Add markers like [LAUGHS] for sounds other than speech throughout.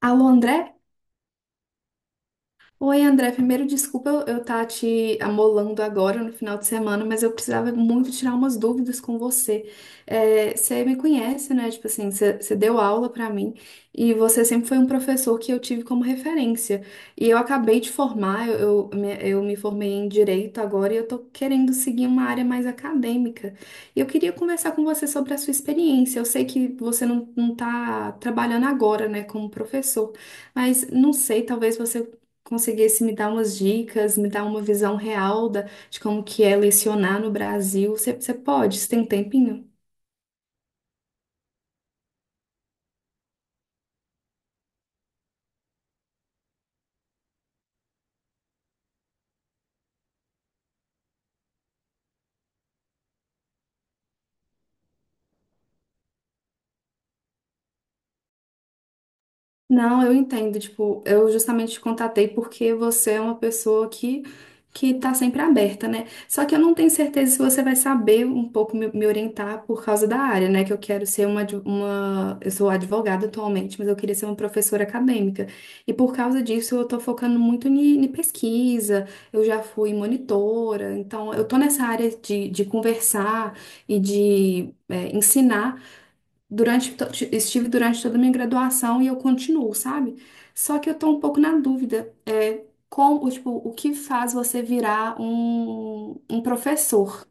Alô, André? Oi, André. Primeiro, desculpa eu tá te amolando agora no final de semana, mas eu precisava muito tirar umas dúvidas com você. É, você me conhece, né? Tipo assim, você deu aula pra mim e você sempre foi um professor que eu tive como referência. E eu acabei de formar, eu me formei em Direito agora e eu tô querendo seguir uma área mais acadêmica. E eu queria conversar com você sobre a sua experiência. Eu sei que você não, não tá trabalhando agora, né, como professor. Mas não sei, talvez você conseguisse me dar umas dicas, me dar uma visão real de como que é lecionar no Brasil. Você pode? Você tem um tempinho? Não, eu entendo. Tipo, eu justamente te contatei porque você é uma pessoa que tá sempre aberta, né? Só que eu não tenho certeza se você vai saber um pouco me orientar por causa da área, né? Que eu quero ser uma, Eu sou advogada atualmente, mas eu queria ser uma professora acadêmica. E por causa disso, eu tô focando muito em pesquisa, eu já fui monitora, então eu tô nessa área de conversar e de ensinar durante, to- estive durante toda a minha graduação e eu continuo, sabe? Só que eu tô um pouco na dúvida, como, tipo, o que faz você virar um professor?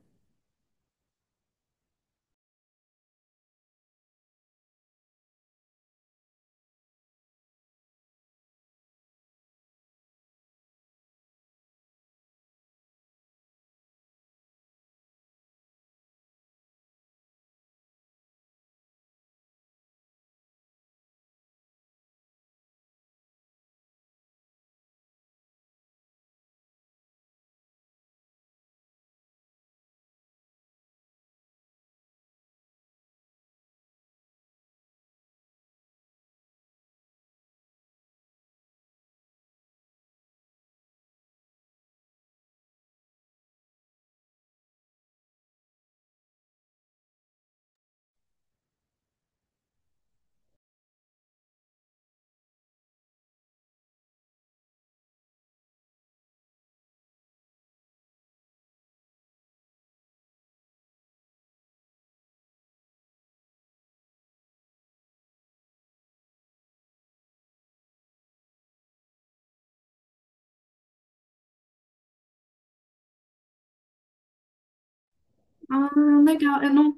Ah, legal, eu não...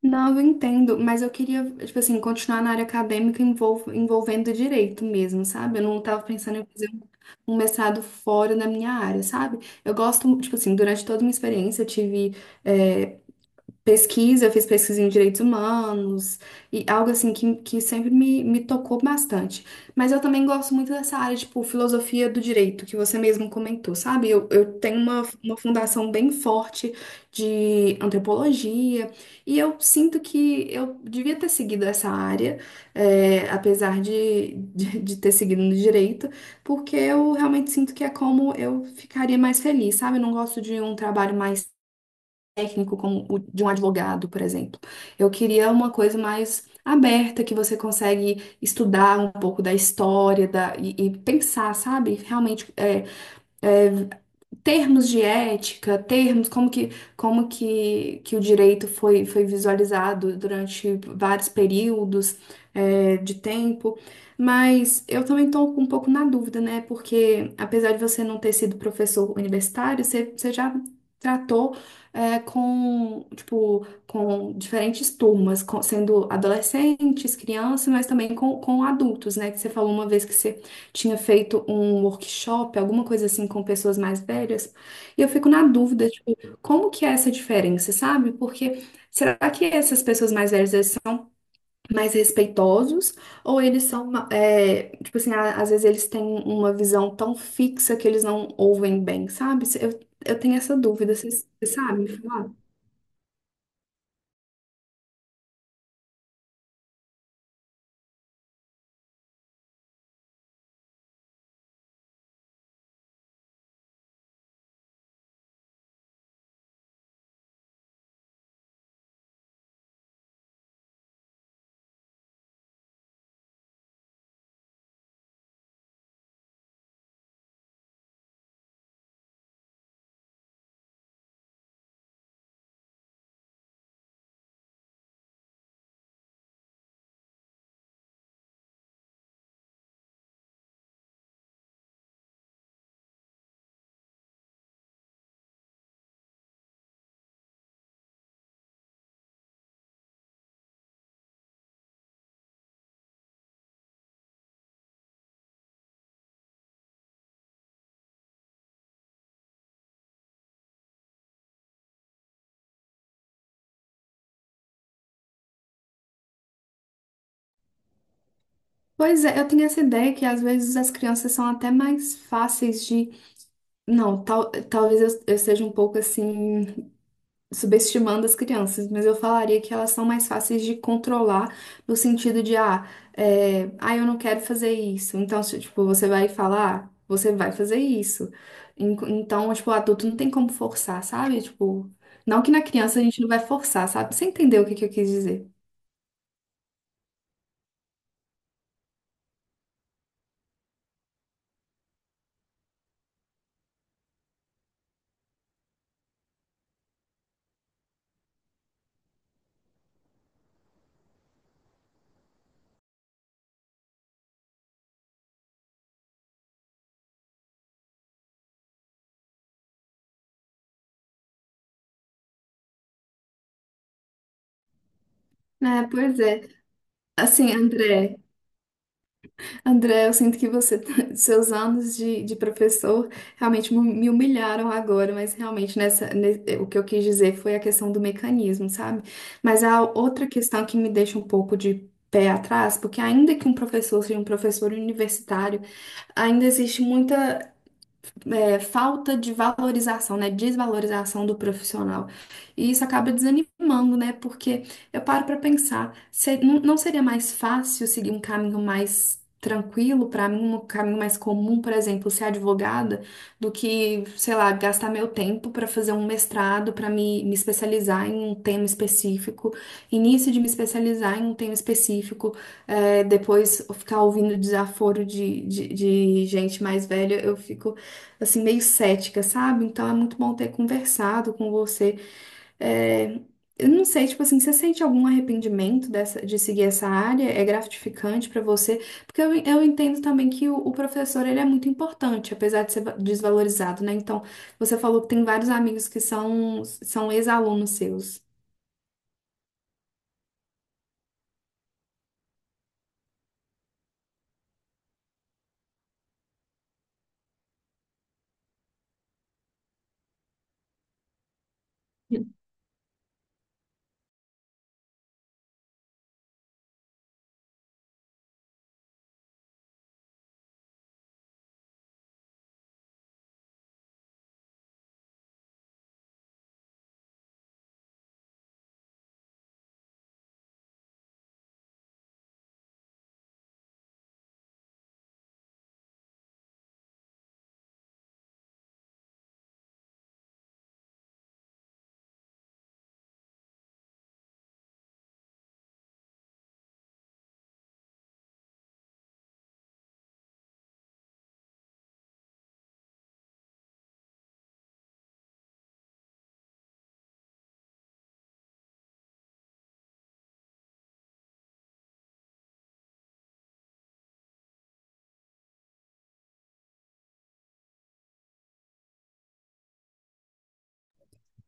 Não, eu entendo, mas eu queria, tipo assim, continuar na área acadêmica envolvendo direito mesmo, sabe? Eu não tava pensando em fazer um mestrado fora da minha área, sabe? Eu gosto, tipo assim, durante toda a minha experiência, eu tive é, pesquisa, eu fiz pesquisa em direitos humanos, e algo assim que sempre me tocou bastante. Mas eu também gosto muito dessa área, tipo, filosofia do direito, que você mesmo comentou, sabe? Eu tenho uma fundação bem forte de antropologia, e eu sinto que eu devia ter seguido essa área, apesar de ter seguido no direito, porque eu realmente sinto que é como eu ficaria mais feliz, sabe? Eu não gosto de um trabalho mais técnico como o de um advogado, por exemplo. Eu queria uma coisa mais aberta, que você consegue estudar um pouco da história e pensar, sabe? Realmente termos de ética, como que o direito foi visualizado durante vários períodos, de tempo. Mas eu também estou um pouco na dúvida, né? Porque apesar de você não ter sido professor universitário, você já tratou, com diferentes turmas, sendo adolescentes, crianças, mas também com adultos, né? Que você falou uma vez que você tinha feito um workshop, alguma coisa assim, com pessoas mais velhas, e eu fico na dúvida, tipo, como que é essa diferença, sabe? Porque será que essas pessoas mais velhas, eles são mais respeitosos, ou eles são, tipo assim, às vezes eles têm uma visão tão fixa que eles não ouvem bem, sabe? Eu tenho essa dúvida, você sabe me falar? Pois é, eu tenho essa ideia que às vezes as crianças são até mais fáceis de. Não, talvez eu seja um pouco assim subestimando as crianças, mas eu falaria que elas são mais fáceis de controlar no sentido de, ah, eu não quero fazer isso. Então, se, tipo, você vai falar, "Ah, você vai fazer isso. Então, tipo, o adulto não tem como forçar, sabe? Tipo, não que na criança a gente não vai forçar, sabe? Você entendeu o que que eu quis dizer? É, pois é. Assim, André. André, eu sinto que você, [LAUGHS] seus anos de professor realmente me humilharam agora, mas realmente nessa, o que eu quis dizer foi a questão do mecanismo, sabe? Mas a outra questão que me deixa um pouco de pé atrás, porque ainda que um professor seja um professor universitário, ainda existe muita falta de valorização, né? Desvalorização do profissional. E isso acaba desanimando, né? Porque eu paro para pensar, não seria mais fácil seguir um caminho mais tranquilo para mim, um caminho mais comum, por exemplo, ser advogada, do que, sei lá, gastar meu tempo para fazer um mestrado, para me especializar em um tema específico, início de me especializar em um tema específico, depois ficar ouvindo desaforo de de gente mais velha, eu fico assim, meio cética, sabe? Então é muito bom ter conversado com você. É, eu não sei, tipo assim, você sente algum arrependimento de seguir essa área? É gratificante pra você? Porque eu entendo também que o professor, ele é muito importante, apesar de ser desvalorizado, né? Então, você falou que tem vários amigos que são ex-alunos seus.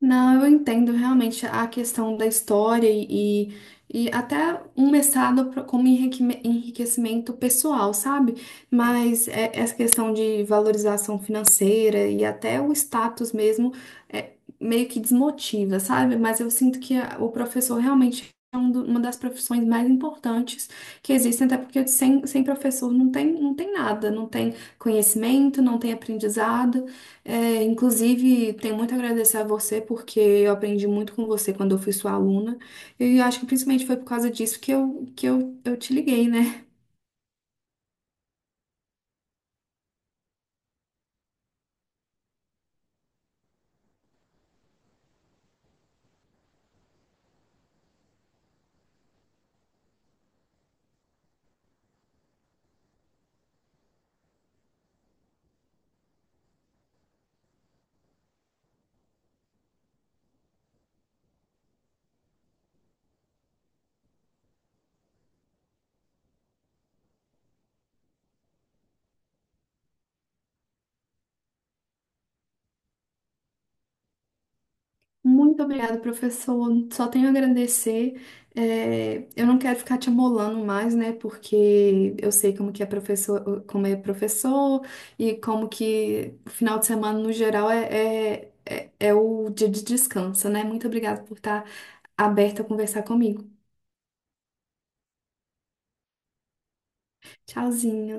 Não, eu entendo realmente a questão da história e até um mestrado como enriquecimento pessoal, sabe? Mas essa questão de valorização financeira e até o status mesmo é, meio que desmotiva, sabe? Mas eu sinto que o professor realmente é uma das profissões mais importantes que existem, até porque sem professor não tem, não tem nada, não tem conhecimento, não tem aprendizado. É, inclusive, tenho muito a agradecer a você, porque eu aprendi muito com você quando eu fui sua aluna. E eu acho que principalmente foi por causa disso que eu te liguei, né? Muito obrigada, professor. Só tenho a agradecer. É, eu não quero ficar te amolando mais, né? Porque eu sei como que é professor, como é professor e como que o final de semana, no geral, é o dia de descanso, né? Muito obrigada por estar aberta a conversar comigo. Tchauzinho.